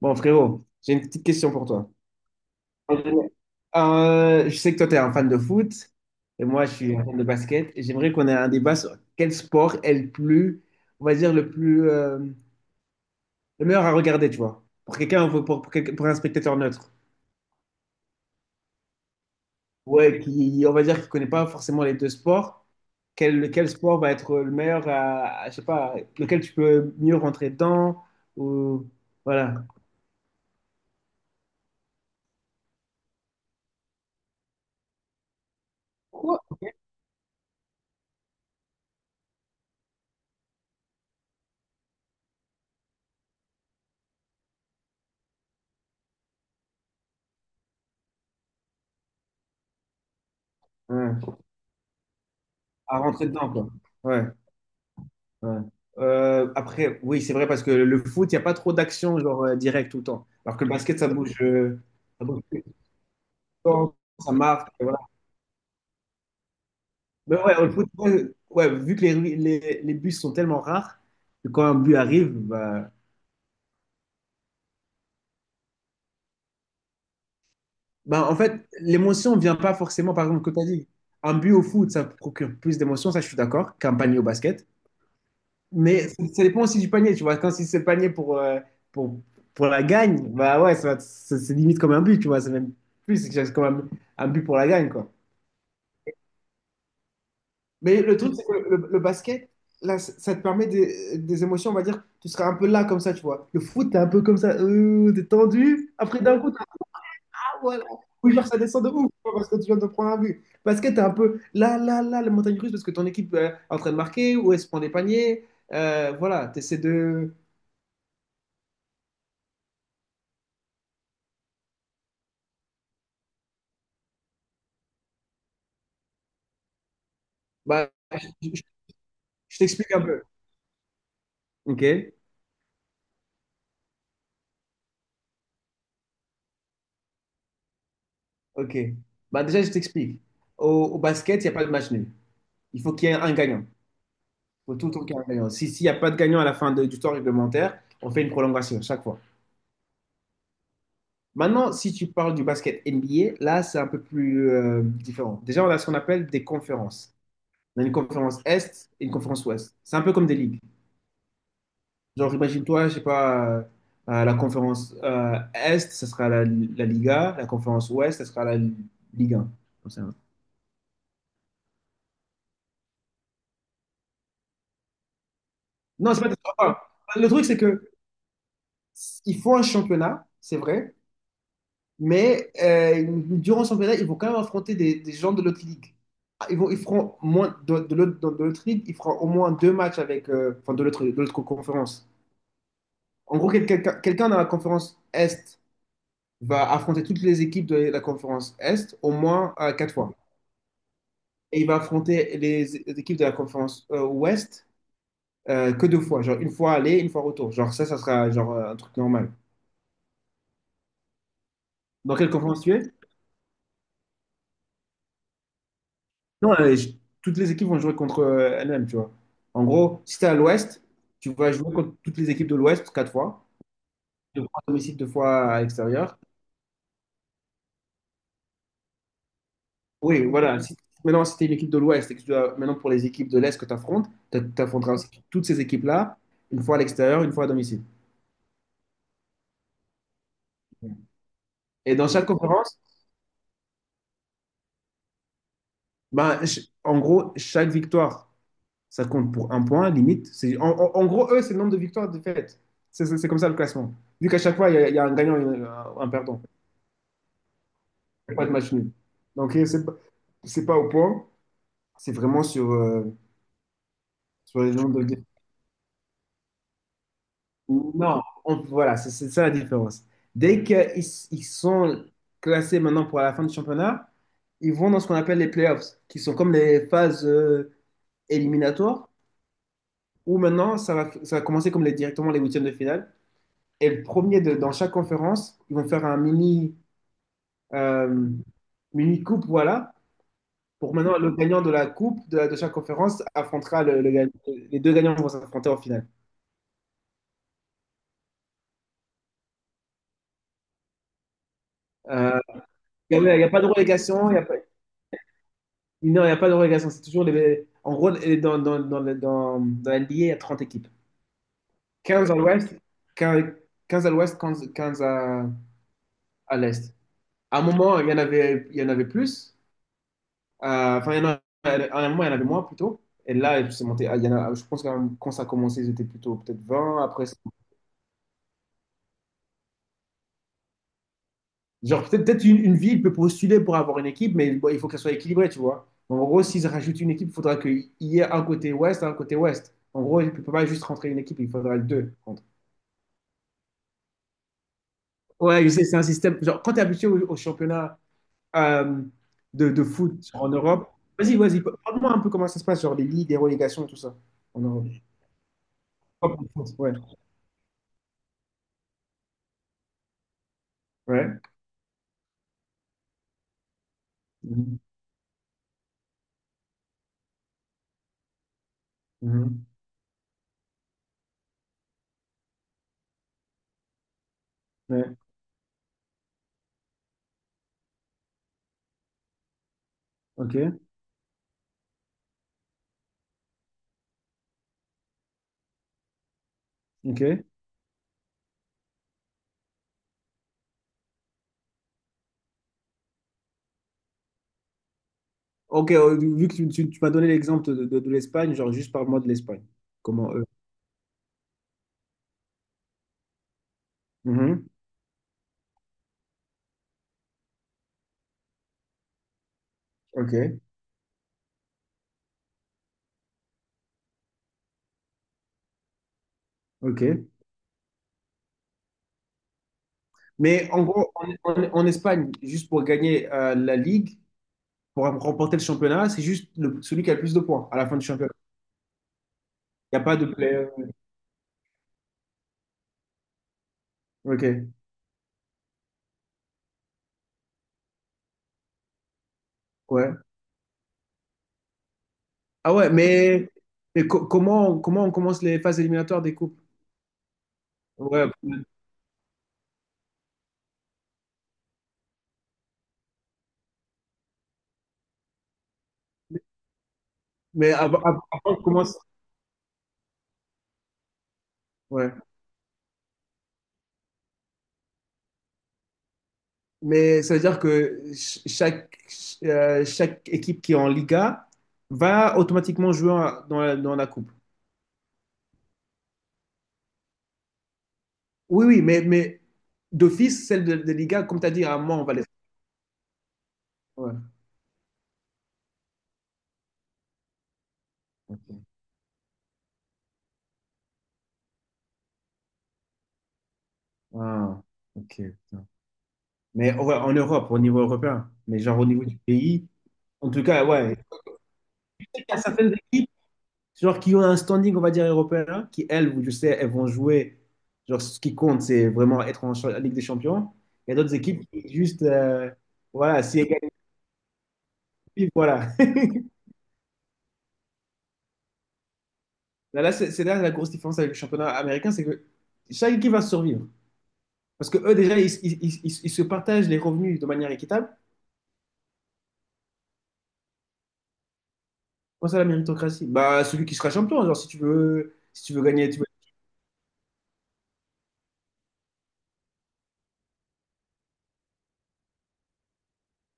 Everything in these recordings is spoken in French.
Bon, frérot, j'ai une petite question pour toi. Je sais que toi, tu es un fan de foot et moi, je suis un fan de basket. Et j'aimerais qu'on ait un débat sur quel sport est le plus, on va dire, le plus, le meilleur à regarder, tu vois. Pour quelqu'un, pour un spectateur neutre. Ouais, qui, on va dire, qui connaît pas forcément les deux sports. Quel sport va être le meilleur je sais pas, lequel tu peux mieux rentrer dedans ou, voilà. Quoi? Ouais, à rentrer dedans, quoi. Ouais. Ouais. Après, oui, c'est vrai parce que le foot, il n'y a pas trop d'action genre direct tout le temps. Alors que le basket, ça bouge tout le temps, ça marque. Et voilà. Mais ouais, le foot, ouais, ouais, vu que les buts sont tellement rares, que quand un but arrive, bah, en fait, l'émotion ne vient pas forcément, par exemple, que tu as dit. Un but au foot, ça procure plus d'émotion, ça je suis d'accord, qu'un panier au basket. Mais ça dépend aussi du panier, tu vois. Quand si c'est le panier pour, pour la gagne, bah ouais, c'est limite comme un but, tu vois. C'est même plus, c'est que c'est comme un but pour la gagne, quoi. Mais le truc, c'est que le basket, là, ça te permet des émotions, on va dire, tu seras un peu là comme ça, tu vois. Le foot, t'es un peu comme ça, t'es tendu, après d'un coup, ah voilà, ou genre ça descend de ouf, tu vois, parce que tu viens de prendre un but. Basket, t'es un peu là, là, là, la montagne russe, parce que ton équipe est en train de marquer, ou elle se prend des paniers, voilà, t'essaies de. Bah, je t'explique un peu. Ok, ok. Bah déjà, je t'explique. Au, au basket, il n'y a pas de match nul. Il faut qu'il y ait un gagnant. Il faut tout le temps qu'il y ait un gagnant. Si, s'il n'y a pas de gagnant à la fin du temps réglementaire, on fait une prolongation chaque fois. Maintenant, si tu parles du basket NBA, là, c'est un peu plus différent. Déjà, on a ce qu'on appelle des conférences. On a une conférence Est et une conférence Ouest. C'est un peu comme des ligues. Genre, imagine-toi, je sais pas, la conférence Est, ce sera la Liga. La conférence Ouest, ce sera la Ligue 1. Non, c'est pas décevant. Le truc, c'est que il faut un championnat, c'est vrai, mais durant le championnat, ils vont quand même affronter des gens de l'autre ligue. Ah, ils feront moins de l'autre ligue, ils feront au moins 2 matchs avec, enfin, de l'autre conférence. En gros, quelqu'un dans la conférence Est va affronter toutes les équipes de la conférence Est au moins 4 fois. Et il va affronter les équipes de la conférence Ouest que 2 fois, genre une fois aller, une fois retour. Genre ça sera genre un truc normal. Dans quelle conférence tu es? Non, toutes les équipes vont jouer contre elles-mêmes, tu vois. En gros, si t'es à l'Ouest, tu vas jouer contre toutes les équipes de l'Ouest 4 fois, 2 fois à domicile, 2 fois à l'extérieur. Oui, voilà. Maintenant, si t'es une équipe de l'Ouest et que tu dois, maintenant pour les équipes de l'Est que tu affrontes, tu affronteras aussi toutes ces équipes-là, une fois à l'extérieur, une fois à domicile. Et dans chaque conférence, ben, en gros, chaque victoire, ça compte pour un point, limite. C'est, en gros, eux, c'est le nombre de victoires et de défaites. C'est comme ça le classement. Vu qu'à chaque fois, il y a un gagnant et un perdant. Il n'y a pas de match nul. Donc, et c'est pas au point. C'est vraiment sur, sur les nombres de games. Non, voilà, c'est ça la différence. Dès qu'ils ils sont classés maintenant pour la fin du championnat, ils vont dans ce qu'on appelle les playoffs, qui sont comme les phases éliminatoires, où maintenant, ça va commencer comme directement les huitièmes de finale. Et le premier dans chaque conférence, ils vont faire un euh, mini coupe, voilà. Pour maintenant, le gagnant de la coupe de chaque conférence affrontera les deux gagnants vont s'affronter en finale. Euh, Il n'y a pas de relégation, il y a pas, non, il y a pas de relégation. C'est toujours en gros dans la NBA, il y a 30 équipes. 15 à l'ouest, 15, 15 à l'ouest, 15, 15 à l'est. À un moment, il y en avait plus. Enfin, il y en a- à un moment, il y en avait moins plutôt. Et là, c'est monté. À- il y en a- je pense que quand ça a commencé, ils étaient plutôt peut-être 20. Après, Genre, peut-être une ville peut postuler pour avoir une équipe, mais bon, il faut qu'elle soit équilibrée, tu vois. En gros, s'ils rajoutent une équipe, il faudra qu'il y ait un côté ouest, un côté ouest. En gros, il ne peut pas juste rentrer une équipe, il faudra deux. Contre. Ouais, je sais, c'est un système. Genre, quand tu es habitué au championnat euh, de foot en Europe, vas-y, vas-y, parle-moi un peu comment ça se passe, genre les ligues, les relégations, tout ça. En Europe. Hop, en France. Ouais. Ouais. Mhm. Mhm. Ouais. Ok. Ok. Ok, vu que tu m'as donné l'exemple de l'Espagne, genre juste parle-moi de l'Espagne. Comment. Mhm. Ok, ok. Mais en gros, en Espagne, juste pour gagner la Ligue, pour remporter le championnat, c'est juste celui qui a le plus de points à la fin du championnat. Il n'y a pas de play. Ok, ouais. Ah ouais, mais comment on commence les phases éliminatoires des coupes? Ouais, mais avant qu'on commence. Ouais. Mais ça veut dire que chaque équipe qui est en Liga va automatiquement jouer dans la coupe. Oui, oui, mais d'office, celle de Liga, comme tu as dit, à moi, on va les faire. Ouais. Ok. Ah, ok. Putain. Mais ouais, en Europe, au niveau européen, mais genre au niveau du pays, en tout cas, ouais. Je sais qu'il y a certaines équipes, genre qui ont un standing, on va dire, européen, qui, elles, je sais, elles vont jouer. Genre, ce qui compte, c'est vraiment être en Ligue des Champions. Il y a d'autres équipes qui, juste, voilà, si égalité, voilà. Là, là, c'est là la grosse différence avec le championnat américain, c'est que chaque équipe va survivre. Parce que eux, déjà, ils se partagent les revenus de manière équitable. Pense à la méritocratie. Bah, celui qui sera champion, genre, si tu veux gagner, tu veux-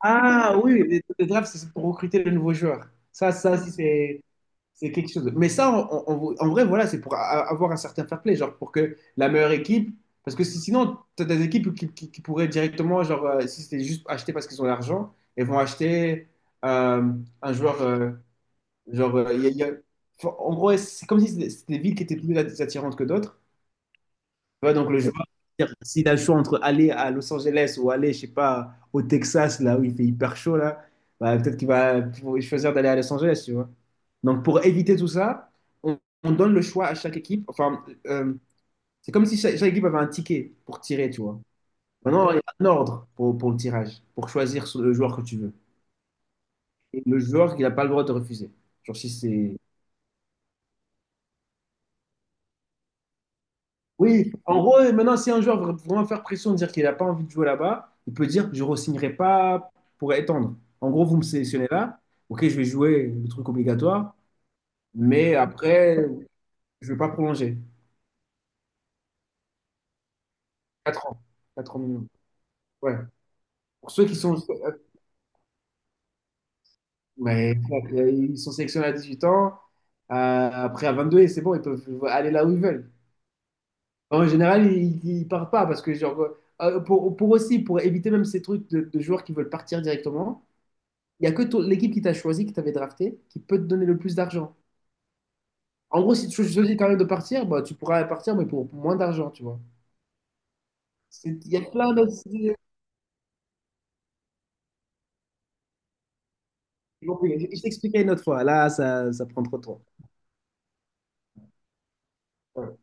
Ah oui, les drafts, c'est pour recruter de nouveaux joueurs. Ça, si c'est quelque chose. Mais ça, en vrai, voilà, c'est pour avoir un certain fair play, genre, pour que la meilleure équipe. Parce que sinon, tu as des équipes qui pourraient directement, genre, si c'était juste acheter parce qu'ils ont l'argent, et vont acheter euh, un joueur. Genre, enfin, en gros, ouais, c'est comme si c'était des villes qui étaient plus attirantes que d'autres. Tu vois, donc le joueur, c'est-à-dire, s'il a le choix entre aller à Los Angeles ou aller, je sais pas, au Texas, là où il fait hyper chaud, là, bah, peut-être qu'il va choisir d'aller à Los Angeles, tu vois. Donc, pour éviter tout ça, on, on donne le choix à chaque équipe. Enfin, c'est comme si chaque équipe avait un ticket pour tirer, tu vois. Maintenant, il y a un ordre pour le tirage, pour choisir le joueur que tu veux. Et le joueur qu'il n'a pas le droit de refuser. Genre, si c'est. Oui, en gros, maintenant, si un joueur veut vraiment faire pression, dire qu'il n'a pas envie de jouer là-bas, il peut dire, je ne re pas pour étendre. En gros, vous me sélectionnez là, ok, je vais jouer le truc obligatoire, mais après, je ne vais pas prolonger. 4 ans. 4 ans minimum. Ouais. Pour ceux qui sont, ouais, ils sont sélectionnés à 18 ans, euh, après à 22 et c'est bon, ils peuvent aller là où ils veulent. En général, ils ne partent pas parce que, genre, pour éviter même ces trucs de joueurs qui veulent partir directement, Il n'y a que l'équipe qui t'a choisi, qui t'avait drafté, qui peut te donner le plus d'argent. En gros, si tu choisis quand même de partir, bah, tu pourras partir, mais pour moins d'argent, tu vois. Il y a plein d'autres idées. Bon, je t'expliquerai une autre fois. Là, ça prend trop de temps. Ouais.